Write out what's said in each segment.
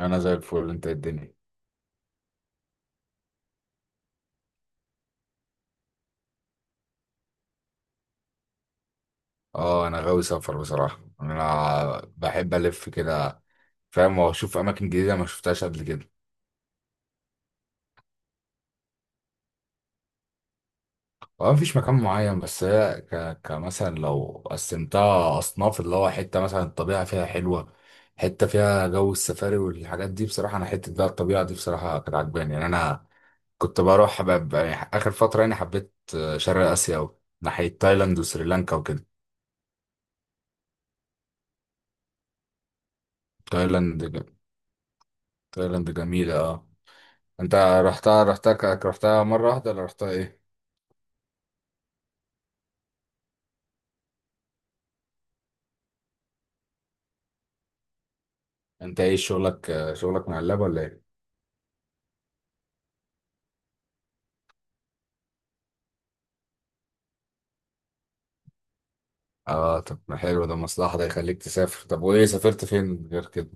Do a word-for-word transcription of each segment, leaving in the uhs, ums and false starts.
انا زي الفل. انت إيه الدنيا؟ اه، انا غاوي سفر بصراحه. انا بحب الف كده، فاهم، واشوف اماكن جديده ما شفتهاش قبل كده. هو مفيش مكان معين، بس هي ك... كمثلا لو قسمتها اصناف، اللي هو حته مثلا الطبيعه فيها حلوه، حته فيها جو السفاري والحاجات دي. بصراحه انا حته بقى الطبيعه دي بصراحه كانت عجباني. يعني انا كنت بروح ب... ب- يعني اخر فتره يعني حبيت شرق اسيا أوي، ناحيه تايلاند وسريلانكا وكده. تايلاند تايلاند جميله، آه. انت رحتها، رحتها ك- رحتها مرة واحدة ولا رحتها ايه؟ انت ايه شغلك؟ آه، شغلك مع اللاب ولا ايه؟ اه، طب ما حلو ده، مصلحة ده يخليك تسافر. طب وايه سافرت فين غير كده؟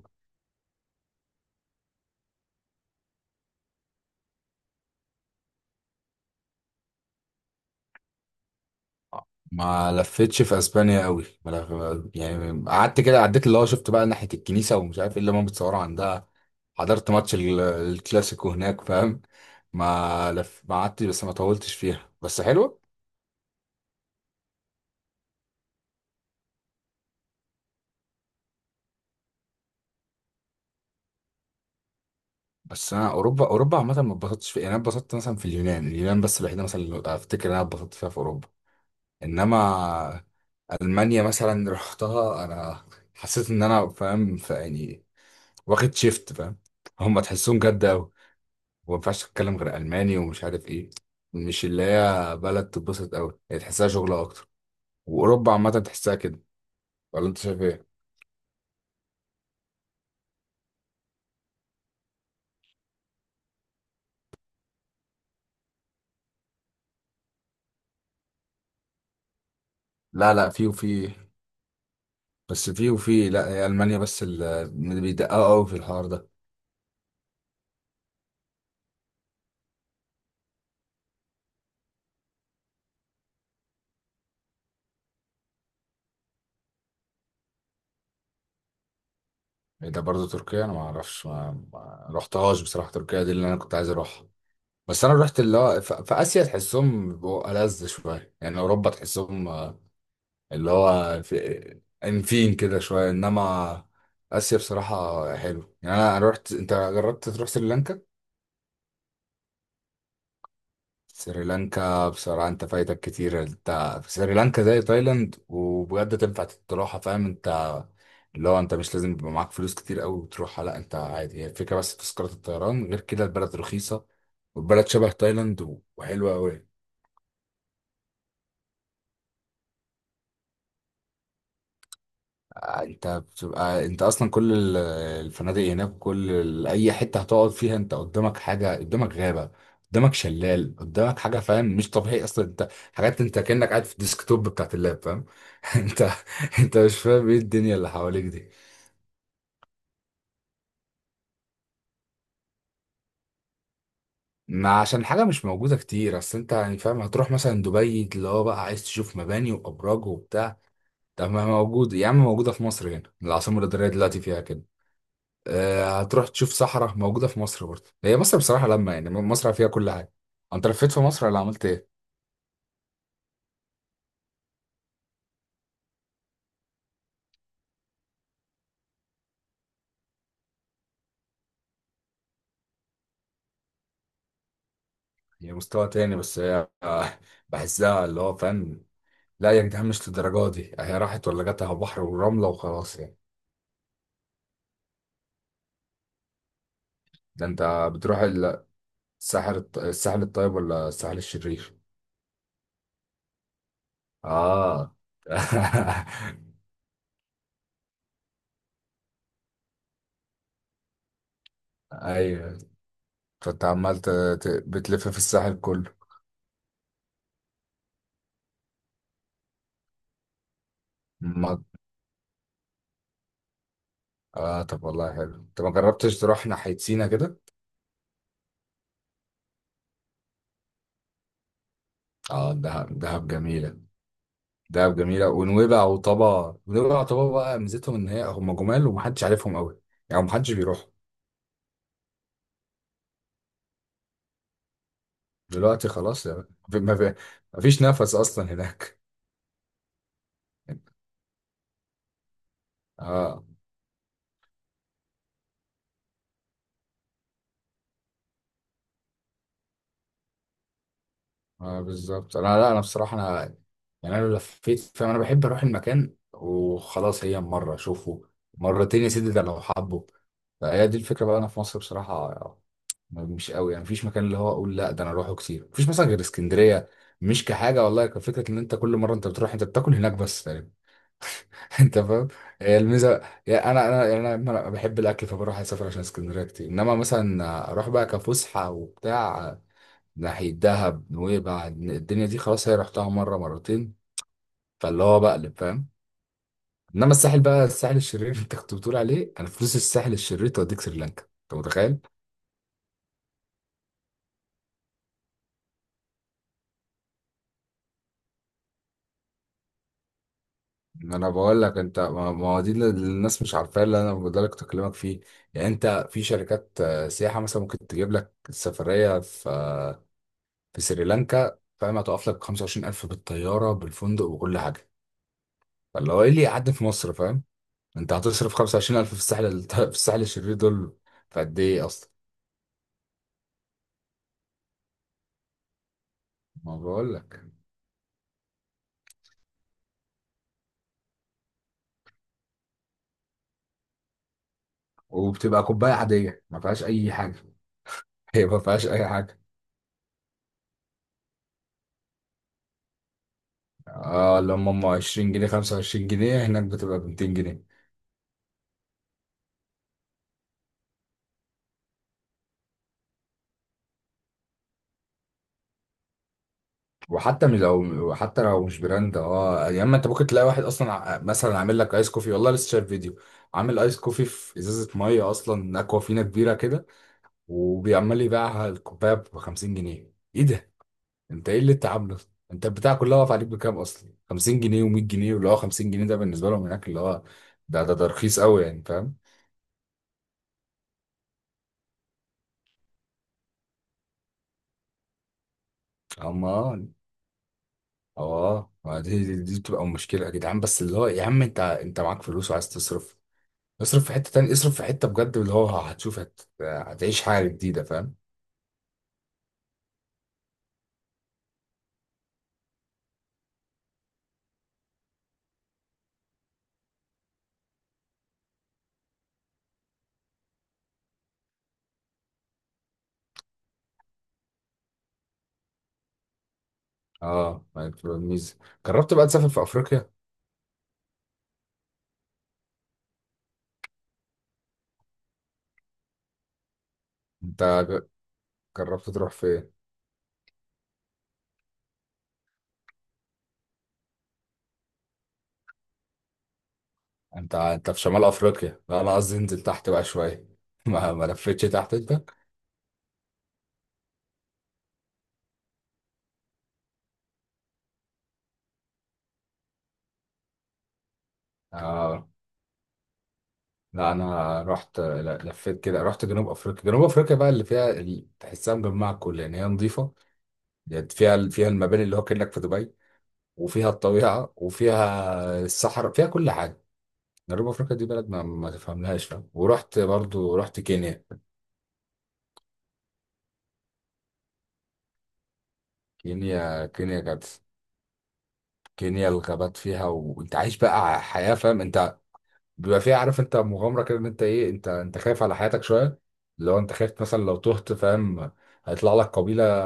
ما لفتش في اسبانيا قوي، ما لف... يعني قعدت كده عديت، اللي هو شفت بقى ناحية الكنيسة ومش عارف ايه اللي هم بيتصوروا عندها. حضرت ماتش ال- الكلاسيكو هناك، فاهم. ما لف ما قعدت، بس ما طولتش فيها، بس حلوة. بس انا اوروبا، اوروبا عامة ما اتبسطتش فيها. يعني انا اتبسطت مثلا في اليونان. اليونان بس الوحيدة مثلا اللي افتكر ان انا اتبسطت فيها في اوروبا. انما المانيا مثلا رحتها انا، حسيت ان انا فاهم، ف- يعني واخد شيفت فاهم، هم تحسهم جد قوي، وما ينفعش تتكلم غير الماني ومش عارف ايه. مش اللي هي بلد تتبسط قوي، هي تحسها شغل اكتر. واوروبا عامه تحسها كده، ولا انت شايف ايه؟ لا لا، في وفي، بس في وفي، لا، هي المانيا بس اللي بيدققوا قوي في الحوار ده. ده برضه تركيا انا ما اعرفش، ما ما رحتهاش بصراحه. تركيا دي اللي انا كنت عايز اروحها، بس انا رحت اللي هو ف- في اسيا. تحسهم بيبقوا ألذ شويه. يعني اوروبا تحسهم آه، اللي هو في انفين كده شويه، انما اسيا بصراحه حلو. يعني انا أنا رحت. انت جربت تروح سريلانكا؟ سريلانكا بصراحه انت فايتك كتير. انت في سريلانكا زي تايلاند، وبجد تنفع تروحها فاهم. انت اللي هو انت مش لازم يبقى معاك فلوس كتير قوي وتروحها، لا انت عادي. هي الفكره بس في تذكره الطيران، غير كده البلد رخيصه، والبلد شبه تايلاند وحلوه قوي. آه، انت بتبقى، آه، انت اصلا كل ال- الفنادق هناك، كل ال- اي حته هتقعد فيها انت قدامك حاجه، قدامك غابه، قدامك شلال، قدامك حاجه فاهم. مش طبيعي اصلا، انت حاجات انت كانك قاعد في الديسكتوب بتاعت اللاب، فاهم؟ انت انت مش فاهم ايه الدنيا اللي حواليك دي. ما عشان حاجه مش موجوده كتير. اصل انت يعني فاهم هتروح مثلا دبي اللي هو بقى عايز تشوف مباني وابراج وبتاع، طب ما موجود يا عم، موجوده في مصر هنا، العاصمه الاداريه دلوقتي فيها كده. آه، هتروح تشوف صحراء، موجودة في مصر برضه. هي مصر بصراحة لما يعني مصر فيها كل حاجة. انت لفيت في مصر ولا عملت ايه؟ هي مستوى تاني، بس هي آه، بحسها اللي هو فاهم، لا يا جدعان مش للدرجة دي. هي راحت ولا جت على بحر ورملة وخلاص يعني. ده انت بتروح ال- الساحل الط- الساحل الطيب ولا الساحل الشرير؟ اه ايوه. فانت عمال ت- ت- بتلف في الساحل كله. ما- اه، طب والله حلو. انت ما جربتش تروح ناحية سينا كده؟ اه، دهب دهب جميلة. دهب جميلة ونويبع وطابا. ونويبع وطابا بقى ميزتهم إن هي هم جمال ومحدش عارفهم أوي. يعني محدش بيروح. دلوقتي خلاص يعني. ما في- ما فيش نفس أصلا هناك. اه اه، بالظبط. أنا لا، أنا بصراحة أنا يعني، أنا لو لفيت فاهم أنا بحب أروح المكان وخلاص. هي مرة أشوفه، مرتين يا سيدي، ده لو حبه. فهي دي الفكرة بقى. أنا في مصر بصراحة مش قوي، يعني مفيش مكان اللي هو اقول لا ده انا اروحه كتير. مفيش مثلا غير اسكندريه، مش كحاجه والله، كفكره ان انت كل مره انت بتروح انت بتاكل هناك بس تقريبا. انت فاهم، هي الميزه. يعني انا، انا يعني انا أنا بحب الاكل، فبروح اسافر عشان اسكندريه كتير. انما مثلا اروح بقى كفسحه وبتاع ناحيه دهب نويبع، الدنيا دي خلاص هي رحتها مره مرتين، فاللي هو بقلب فاهم. انما الساحل بقى، الساحل الشرير اللي انت كنت بتقول عليه، انا فلوس الساحل الشرير توديك سريلانكا، انت متخيل؟ ما انا بقول لك، انت ما، ما هو دي اللي الناس مش عارفاه اللي انا بقدر اكلمك فيه. يعني انت في شركات آه، سياحه مثلا ممكن تجيب لك سفريه في، في سريلانكا فاهم، هتقف لك خمسة وعشرين ألف بالطياره بالفندق وكل حاجه. فاللي هو ايه اللي يقعد في مصر فاهم؟ انت هتصرف خمسة وعشرين ألف في الساحل، ال- في الساحل الشرير دول في قد ايه اصلا. ما بقول لك. وبتبقى كوبايه عاديه ما فيهاش اي حاجه. هي ما فيهاش اي حاجه. اه، لما هم عشرين جنيه خمسة وعشرين جنيه، هناك بتبقى ب مئتين جنيه. وحتى من لو وحتى لو مش براند. اه يا اما انت ممكن تلاقي واحد اصلا ع- مثلا عامل لك ايس كوفي. والله لسه شايف فيديو، عامل ايس كوفي في ازازه ميه اصلا، اكوافينا كبيره كده، وبيعمل يبيعها الكوبايه ب خمسين جنيه. ايه ده، انت ايه اللي انت عامله ده؟ انت البتاع كلها واقف عليك بكام اصلا؟ خمسين جنيه و100 جنيه، واللي هو خمسين جنيه ده بالنسبه لهم هناك اللي هو ده ده ده رخيص قوي يعني فاهم. اما اه، آه، ما دي دي دي بتبقى مشكله يا جدعان. بس اللي هو يا عم انت، انت معاك فلوس وعايز تصرف، اصرف في حتة تانية، اصرف في حتة بجد اللي هو هتشوف، هت... هتعيش حاجة جديدة فاهم. اه ما بتبقى الميزة. جربت بقى تسافر في افريقيا؟ انت ج- جربت تروح فين؟ انت، انت في شمال افريقيا. لا انا قصدي انزل تحت بقى شوية. ما ما لفتش تحت انت. اه لا، انا رحت، لا لفيت كده، رحت جنوب افريقيا. جنوب افريقيا بقى اللي فيها اللي تحسها مجمعة كل، يعني هي نظيفة، يعني فيها، فيها المباني اللي هو كأنك في دبي، وفيها الطبيعة وفيها الصحراء، فيها كل حاجة. جنوب افريقيا دي بلد ما, ما تفهملهاش فاهم. ورحت برضو، رحت كينيا كينيا كينيا كانت. كينيا الغابات فيها، وانت عايش بقى حياة فاهم. انت بيبقى فيها، عارف انت، مغامرة كده، ان انت ايه، انت، انت خايف على حياتك شوية، لو انت خايف مثلا، لو تهت فاهم هيطلع لك قبيلة.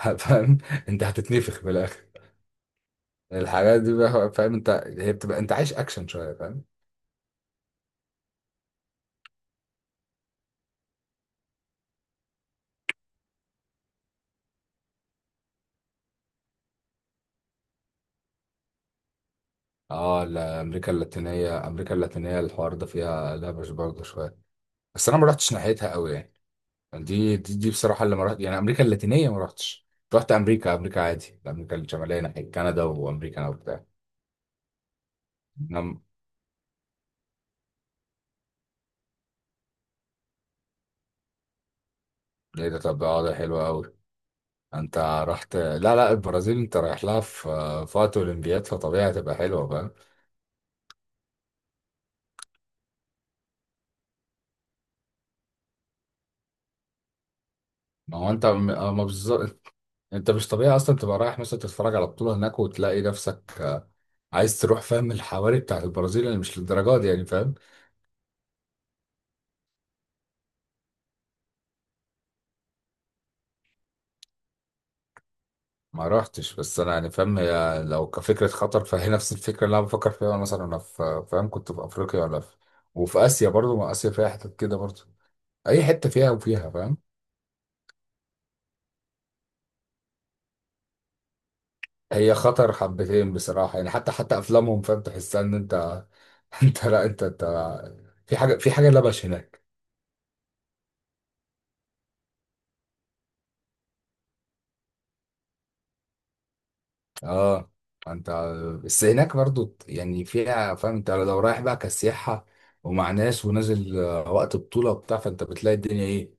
فاهم انت، هتتنفخ في الاخر. الحاجات دي بقى فاهم انت، هي بتبقى انت عايش اكشن شوية فاهم. اه لا، امريكا اللاتينية، امريكا اللاتينية الحوار ده فيها لبش برضه شوية. بس انا ما رحتش ناحيتها قوي يعني. دي، دي, دي بصراحة اللي ما رحت، يعني أمريكا اللاتينية ما رحتش. رحت أمريكا، أمريكا عادي، أمريكا الشمالية ناحية كندا وأمريكا أنا وبتاع. نعم؟ إيه ده، طب آه، ده حلو أوي. أنت رحت، لا لا، البرازيل أنت رايح لها في، في وقت أولمبياد، فطبيعي هتبقى حلوة فاهم. ما هو أنت م- آه، ما بالظبط. أنت مش طبيعي أصلا تبقى رايح مثلا تتفرج على بطولة هناك، وتلاقي نفسك آه، عايز تروح فاهم الحواري بتاعت البرازيل اللي مش للدرجة دي يعني فاهم. ما رحتش، بس انا يعني فاهم هي لو كفكره خطر، فهي نفس الفكره اللي انا بفكر فيها. وانا مثلا انا في فاهم كنت في افريقيا، ولا في وفي اسيا برضو، ما اسيا فيها حتت كده برضو، اي حته فيها وفيها فاهم. هي خطر حبتين بصراحه. يعني حتى حتى افلامهم فاهم تحسها ان انت انت لا، انت انت في حاجه، في حاجه لبش هناك. اه انت، بس هناك برضو يعني فيها فاهم انت لو رايح بقى كسياحه، ومع ناس ونازل آه، وقت بطوله وبتاع، فانت بتلاقي الدنيا ايه،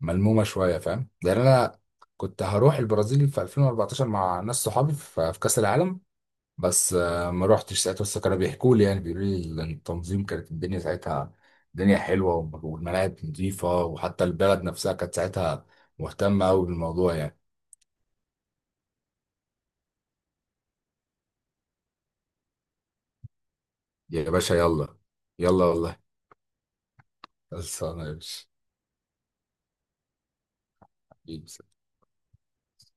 ملمومه شويه فاهم. لان انا كنت هروح البرازيل في ألفين واربعتاشر مع ناس صحابي في، في كاس العالم، بس آه، ما روحتش ساعتها. بس كانوا بيحكوا لي، يعني بيقولوا لي إن التنظيم كانت الدنيا ساعتها، الدنيا حلوه، وم- والملاعب نظيفه، وحتى البلد نفسها كانت ساعتها مهتمه قوي بالموضوع يعني. يا باشا يلا، يلا والله. خلصانه يا باشا.